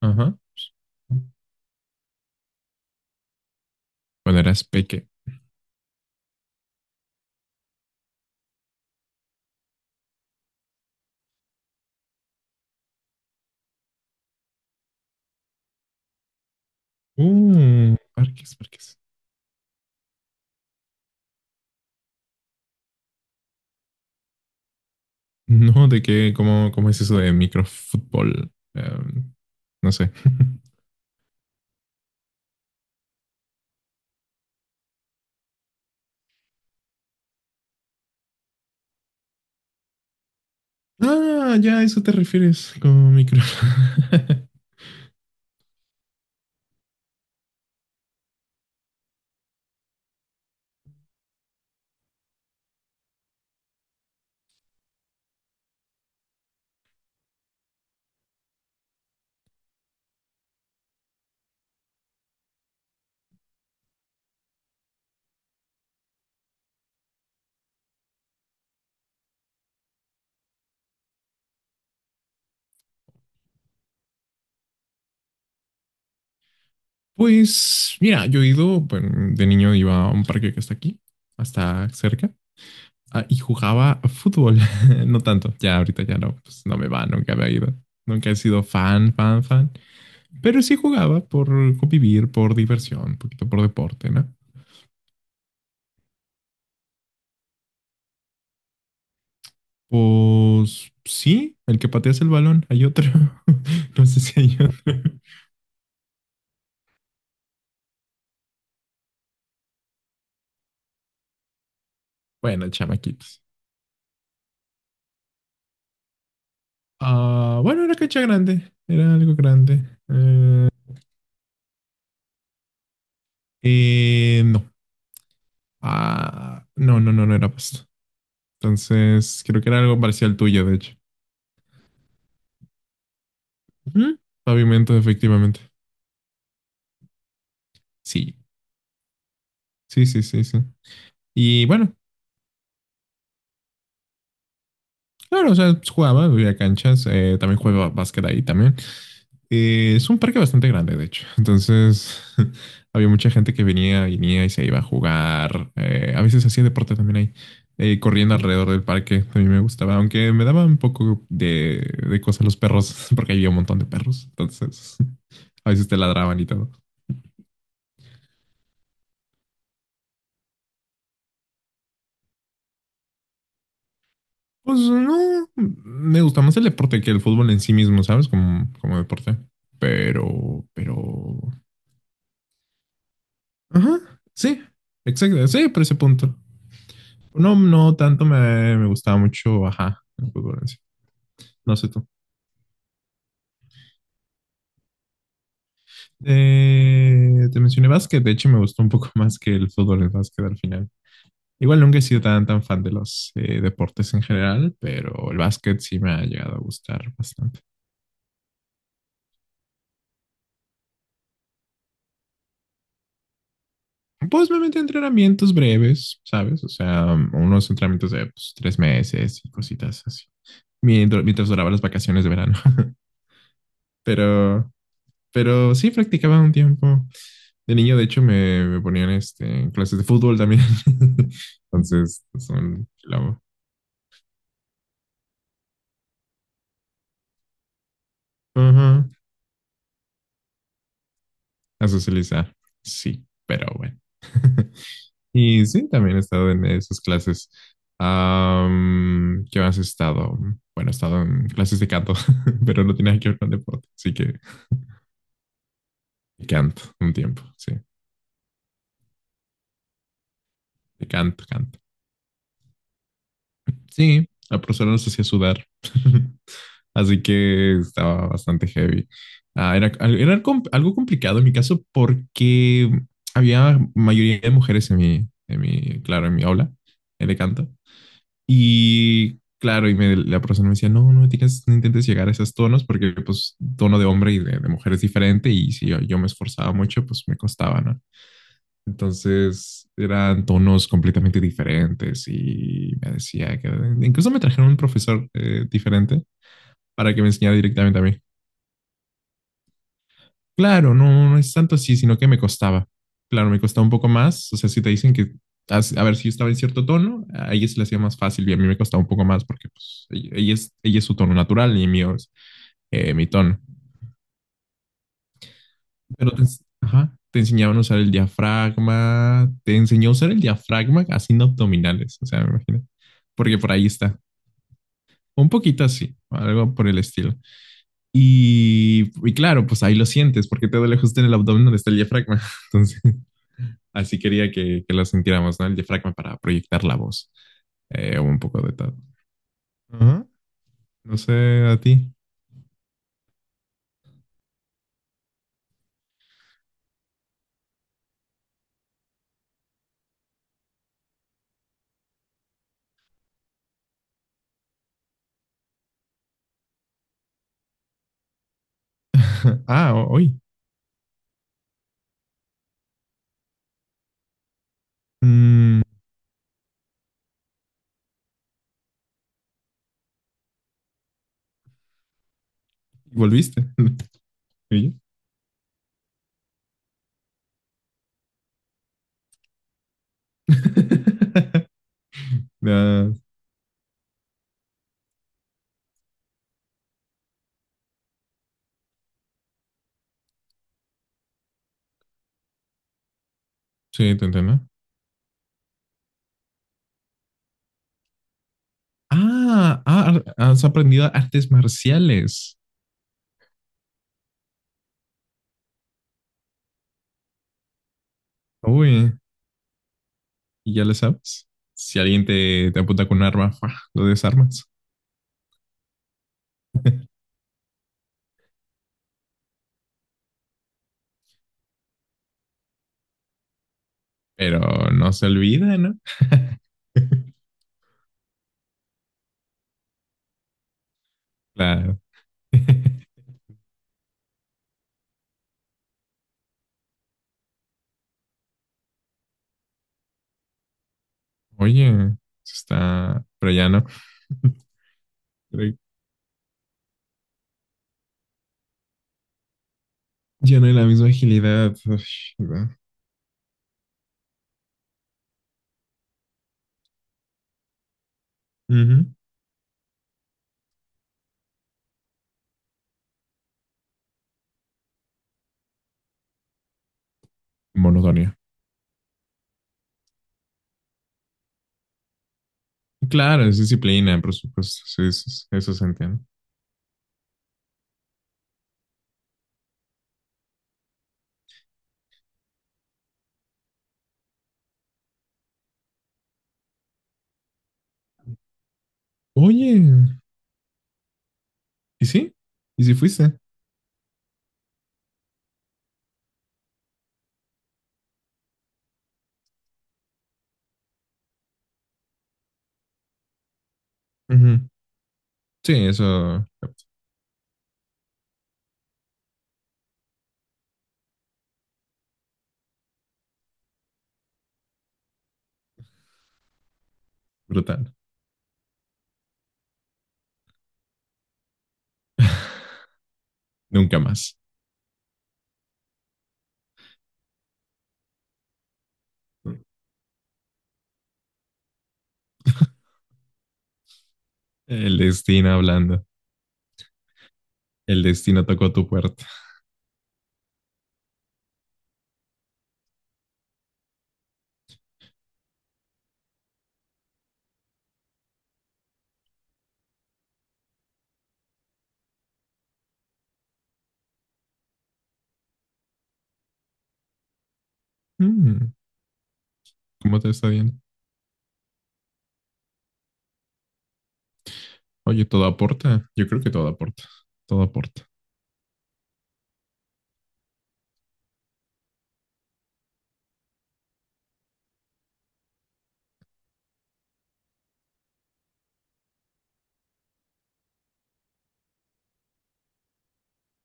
Ajá. Cuando eras peque. Parques, parques. No, de qué, cómo, cómo es eso de microfútbol. No sé. Ah, ya a eso te refieres con micro. Pues, mira, yo he ido, bueno, de niño iba a un parque que está aquí, hasta cerca, y jugaba a fútbol. No tanto, ya ahorita ya no, pues no me va, nunca había ido. Nunca he sido fan, fan, fan. Pero sí jugaba por convivir, por diversión, un poquito por deporte, ¿no? Pues sí, el que pateas el balón, hay otro. No sé si hay otro. Bueno, chamaquitos. Ah, bueno, era cancha grande, era algo grande. Eh, no. Ah, no, no, no, no era pasto. Entonces, creo que era algo parecido al tuyo, de hecho. Ujú. Pavimento, efectivamente. Sí, sí, sí, sí, sí. Y bueno, claro, o sea, pues, jugaba, había canchas, también jugaba básquet ahí también. Es un parque bastante grande, de hecho. Entonces, había mucha gente que venía y se iba a jugar. A veces hacía deporte también ahí, corriendo alrededor del parque. A mí me gustaba, aunque me daba un poco de cosas los perros, porque había un montón de perros. Entonces, a veces te ladraban y todo. Pues no, me gusta más el deporte que el fútbol en sí mismo, ¿sabes? Como, como deporte. Pero... Ajá, sí, exacto, sí, por ese punto. No, no tanto me gustaba mucho, ajá, el fútbol en sí. No sé tú. Te mencioné básquet, de hecho me gustó un poco más que el fútbol, el básquet al final. Igual nunca he sido tan, tan fan de los deportes en general, pero el básquet sí me ha llegado a gustar bastante. Pues me metí a entrenamientos breves, ¿sabes? O sea, unos entrenamientos de pues, tres meses y cositas así, mientras duraban las vacaciones de verano. Pero Pero sí practicaba un tiempo. De niño, de hecho, me ponían este, en clases de fútbol también. Entonces, son la ajá, a socializar. Sí, pero bueno. Y sí, también he estado en esas clases. ¿Qué más he estado? Bueno, he estado en clases de canto, pero no tiene nada que ver con deporte. Así que canto un tiempo, sí. De canto, canto. Sí, la profesora nos hacía sudar. Así que estaba bastante heavy. Ah, algo complicado en mi caso porque había mayoría de mujeres en claro, en mi aula de canto. Y claro, la profesora me decía, no, no, tienes, no intentes llegar a esos tonos porque pues tono de hombre y de mujer es diferente y si yo me esforzaba mucho, pues me costaba, ¿no? Entonces eran tonos completamente diferentes y me decía que incluso me trajeron un profesor diferente para que me enseñara directamente a mí. Claro, no, no es tanto así, sino que me costaba. Claro, me costaba un poco más. O sea, si te dicen que, a ver, si yo estaba en cierto tono, a ella se le hacía más fácil y a mí me costaba un poco más porque pues, ella es, ella es su tono natural y mío es mi tono. Pero ajá, te enseñaban a usar el diafragma, te enseñó a usar el diafragma haciendo abdominales, o sea, me imagino. Porque por ahí está. Un poquito así, algo por el estilo. Y claro, pues ahí lo sientes, porque te duele justo en el abdomen donde está el diafragma. Entonces, así quería que lo sintiéramos, ¿no? El diafragma para proyectar la voz. Un poco de todo. Ajá. No sé, a ti. Ah, hoy. Mm, ¿volviste? ¿Y yo? Ah, sí, te entiendo. Ah, has aprendido artes marciales. Uy, ¿y ya le sabes? Si alguien te apunta con un arma, ¡fua! Lo desarmas. Pero no se olvida, ¿no? Claro. Oye, eso está, pero ya no. Pero ya no hay la misma agilidad. Uy, ¿verdad? Ujú. Monotonía. Claro, es disciplina, por supuesto. Sí, eso, eso se entiende. Oye, ¿y sí? ¿Y si fuiste? Ujú. Sí, eso. Brutal. Nunca más. El destino hablando. El destino tocó tu puerta. Mm, ¿cómo te está viendo? Oye, todo aporta. Yo creo que todo aporta. Todo aporta.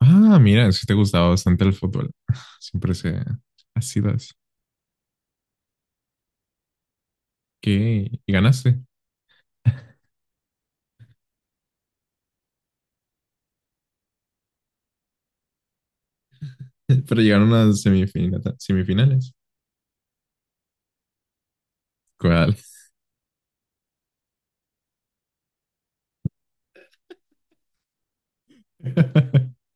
Ah, mira, sí te gustaba bastante el fútbol. Siempre se ha sido así. ¿Qué? Y ganaste. Pero llegaron a semifinales. ¿Cuál?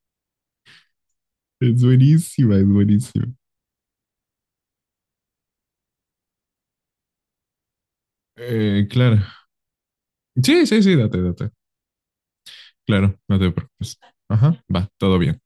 Es buenísima, es buenísima. Claro. Sí, sí, sí, date, date. Claro, no te preocupes. Ajá, va, todo bien.